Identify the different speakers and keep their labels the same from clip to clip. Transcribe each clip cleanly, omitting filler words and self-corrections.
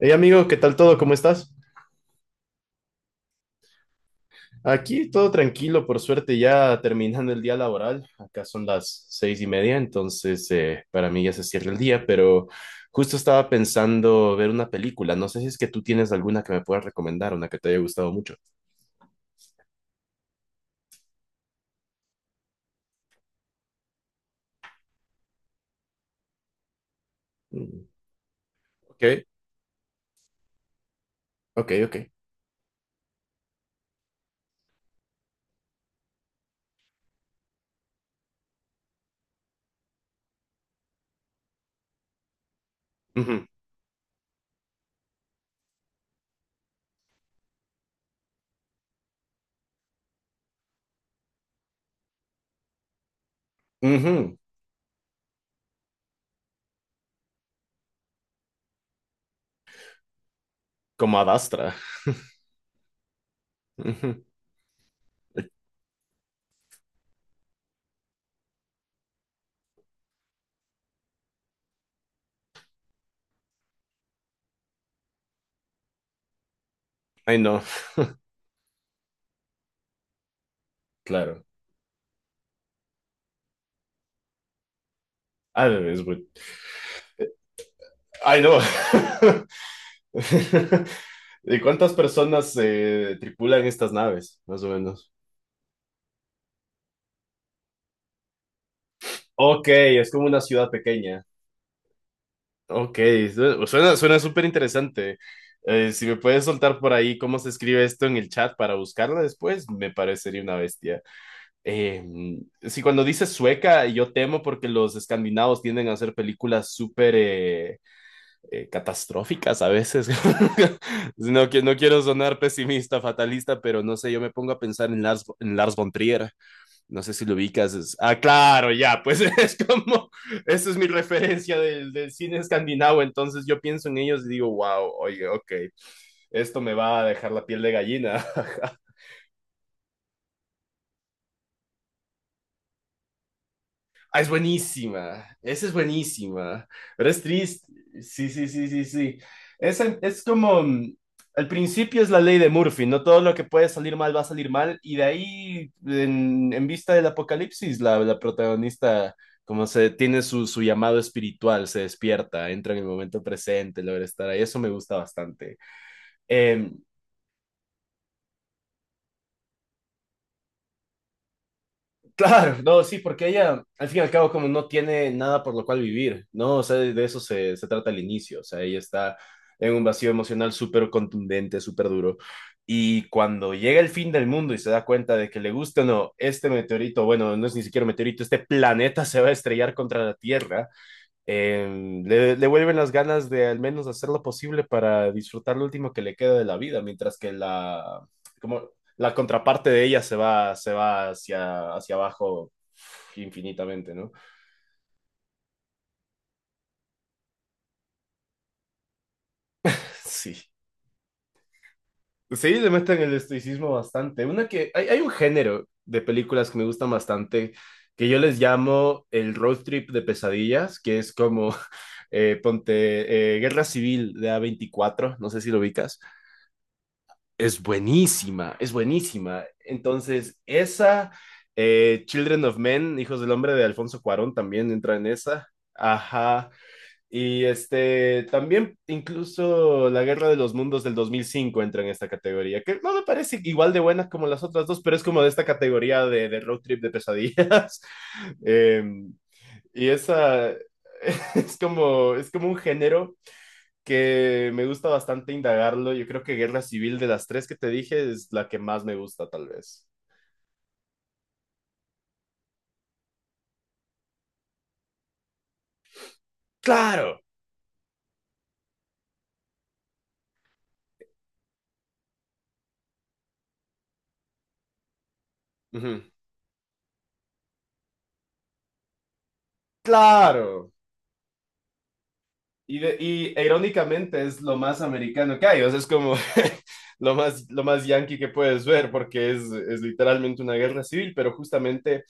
Speaker 1: Hey amigo, ¿qué tal todo? ¿Cómo estás? Aquí todo tranquilo, por suerte, ya terminando el día laboral. Acá son las 6:30, entonces para mí ya se cierra el día, pero justo estaba pensando ver una película. No sé si es que tú tienes alguna que me puedas recomendar, una que te haya gustado mucho. Mm. Ok, ok, ok. Ujú, ujú. Como Adastra. Ujú. Ay, no, claro. Ah, Ay, no. ¿Y cuántas personas tripulan estas naves, más o menos? Ok, es como una ciudad pequeña. Ok, suena súper interesante. Si me puedes soltar por ahí cómo se escribe esto en el chat para buscarla después, me parecería una bestia. Eh, si cuando dices sueca, yo temo porque los escandinavos tienden a hacer películas súper catastróficas a veces. No, que no quiero sonar pesimista, fatalista, pero no sé, yo me pongo a pensar en Lars von Trier. No sé si lo ubicas. Ah, claro, ya, pues es como, esa es mi referencia del cine escandinavo, entonces yo pienso en ellos y digo, wow, oye, ok, esto me va a dejar la piel de gallina. Ah, es buenísima, esa es buenísima, pero es triste. Sí, sí, sí, sí, sí. Esa es como, al principio es la ley de Murphy, no todo lo que puede salir mal va a salir mal, y de ahí, en vista del apocalipsis, la protagonista, como se tiene su llamado espiritual, se despierta, entra en el momento presente, logra estar ahí, eso me gusta bastante. Em, Claro, no, sí, porque ella, al fin y al cabo, como no tiene nada por lo cual vivir, ¿no? O sea, de eso se trata al inicio, o sea, ella está en un vacío emocional súper contundente, súper duro, y cuando llega el fin del mundo y se da cuenta de que le gusta o no, este meteorito, bueno, no es ni siquiera un meteorito, este planeta se va a estrellar contra la Tierra, le vuelven las ganas de al menos hacer lo posible para disfrutar lo último que le queda de la vida, mientras que la, como, la contraparte de ella se va hacia abajo infinitamente, ¿no? Sí. Sí, le meten el estoicismo bastante. Hay un género de películas que me gustan bastante, que yo les llamo el road trip de pesadillas, que es como, ponte, Guerra Civil de a veinticuatro no sé si lo ubicas. Es buenísima, es buenísima. Entonces, esa, Children of Men, Hijos del Hombre de Alfonso Cuarón, también entra en esa. Ajá. Y este, también incluso La Guerra de los Mundos del 2005 entra en esta categoría, que no me parece igual de buena como las otras dos, pero es como de esta categoría de, road trip de pesadillas. eh, y esa es como un género que me gusta bastante indagarlo. Yo creo que Guerra Civil de las tres que te dije es la que más me gusta, tal vez. Claro. Ujú. Claro. Y, irónicamente es lo más americano que hay, o sea, es como lo más yankee que puedes ver, porque es literalmente una guerra civil, pero justamente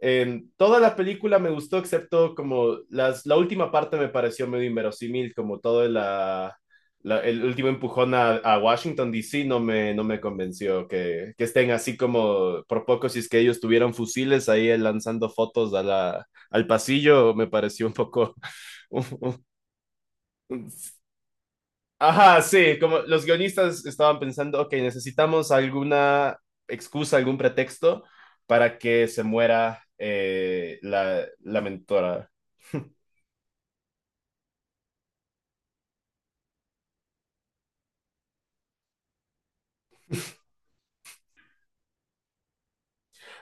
Speaker 1: toda la película me gustó, excepto como la última parte me pareció medio inverosímil, como todo el último empujón a Washington, D C. No me convenció que estén así como por poco, si es que ellos tuvieran fusiles ahí lanzando fotos a la, al pasillo, me pareció un poco... un- un- Ajá, sí, como los guionistas estaban pensando, ok, necesitamos alguna excusa, algún pretexto para que se muera la mentora.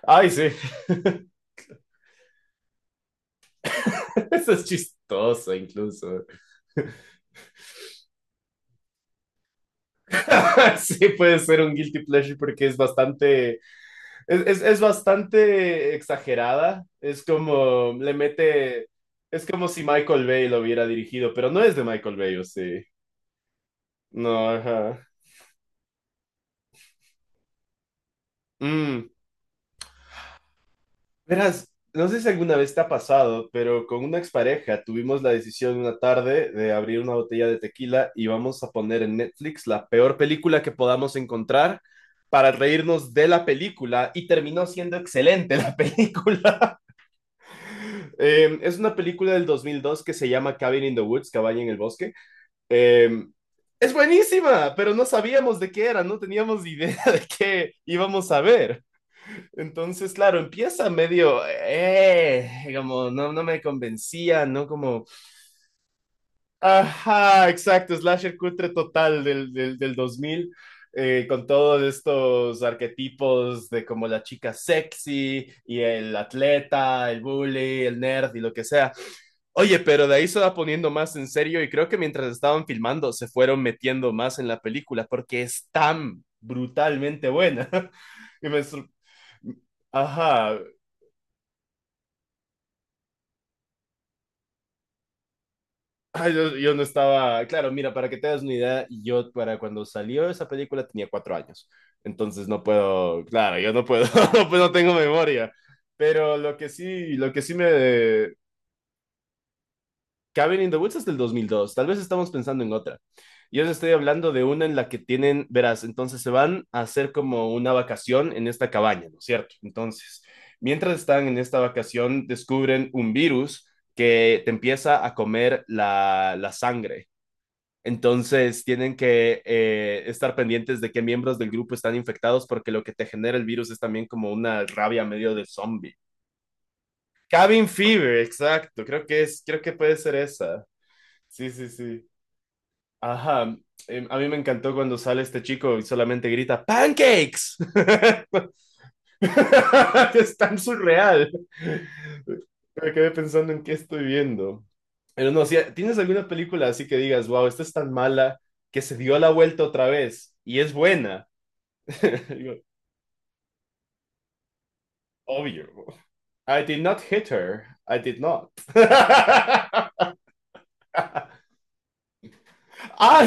Speaker 1: Ay, sí, eso es chistoso incluso. Sí, puede ser un guilty pleasure porque es bastante, es bastante exagerada, es como, le mete, es como si Michael Bay lo hubiera dirigido, pero no es de Michael Bay, ¿o sí? No, ajá. Mm. Verás, no sé si alguna vez te ha pasado, pero con una expareja tuvimos la decisión una tarde de abrir una botella de tequila y vamos a poner en Netflix la peor película que podamos encontrar para reírnos de la película y terminó siendo excelente la película. Es una película del 2002 que se llama Cabin in the Woods, Cabaña en el Bosque. Eh, es buenísima, pero no sabíamos de qué era, no teníamos idea de qué íbamos a ver. Entonces, claro, empieza medio, como no, no me convencía, ¿no? Como, ajá, exacto, slasher cutre total del 2000, con todos estos arquetipos de como la chica sexy y el atleta, el bully, el nerd y lo que sea. Oye, pero de ahí se va poniendo más en serio y creo que mientras estaban filmando se fueron metiendo más en la película porque es tan brutalmente buena. Y me, sor- Ajá. Ay, yo no estaba, claro, mira, para que te das una idea, yo para cuando salió esa película tenía 4 años, entonces no puedo, claro, yo no puedo, no, pues no tengo memoria, pero lo que sí me... Cabin in the Woods es del 2002. Tal vez estamos pensando en otra. Yo les estoy hablando de una en la que tienen, verás, entonces se van a hacer como una vacación en esta cabaña, ¿no es cierto? Entonces, mientras están en esta vacación, descubren un virus que te empieza a comer la sangre entonces tienen que estar pendientes de qué miembros del grupo están infectados porque lo que te genera el virus es también como una rabia medio de zombie. Cabin Fever, exacto. Creo que es, creo que puede ser esa. Sí, sí, sí. Ajá. A mí me encantó cuando sale este chico y solamente grita ¡Pancakes! Es tan surreal. Me quedé pensando en qué estoy viendo. Pero no, si tienes alguna película así que digas, wow, esta es tan mala que se dio la vuelta otra vez y es buena. Digo, obvio. I did not hit her. I did not. Ah,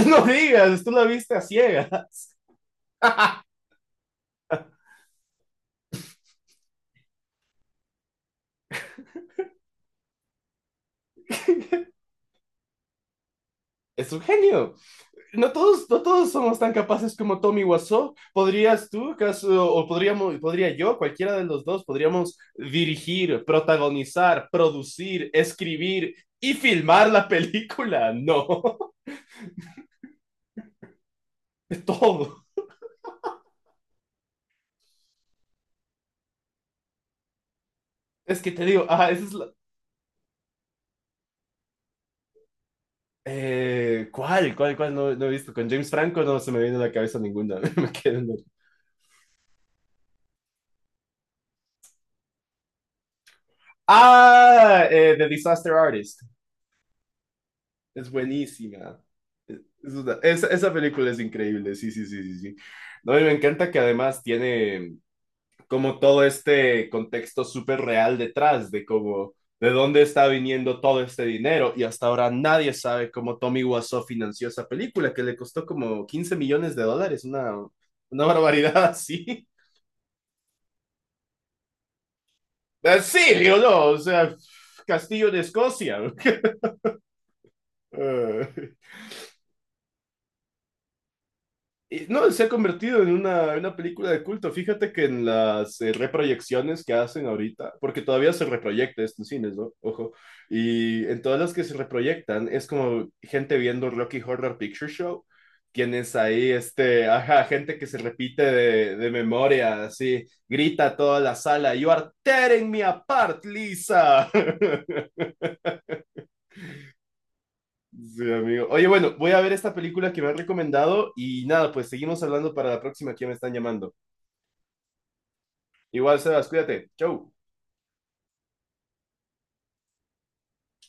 Speaker 1: no digas, tú la viste a ciegas. Es un genio. No todos somos tan capaces como Tommy Wiseau. ¿Podrías tú, caso, o podríamos, podría yo, cualquiera de los dos, podríamos dirigir, protagonizar, producir, escribir y filmar la película? No, de todo. Es que te digo, ah, esa es la... ¿Cuál? ¿Cuál? ¿Cuál? No, no he visto. Con James Franco no se me viene a la cabeza ninguna. Me quedo en el- Ah, The Disaster Artist. Es buenísima. Esa película es increíble, sí, sí, sí, sí, sí. No, y me encanta que además tiene como todo este contexto súper real detrás de cómo, de dónde está viniendo todo este dinero y hasta ahora nadie sabe cómo Tommy Wiseau financió esa película que le costó como $15 millones, una, barbaridad así. ¿En serio, no? O sea, Castillo de Escocia. No, se ha convertido en una película de culto. Fíjate que en las reproyecciones que hacen ahorita, porque todavía se reproyecta esto en cines, ¿no? Ojo. Y en todas las que se reproyectan, es como gente viendo Rocky Horror Picture Show. Tienes ahí, este, ajá, gente que se repite de memoria, así, grita a toda la sala, You are tearing me apart, Lisa. Sí, amigo. Oye, bueno, voy a ver esta película que me han recomendado y nada, pues seguimos hablando para la próxima que me están llamando. Igual, Sebas, cuídate. Chau.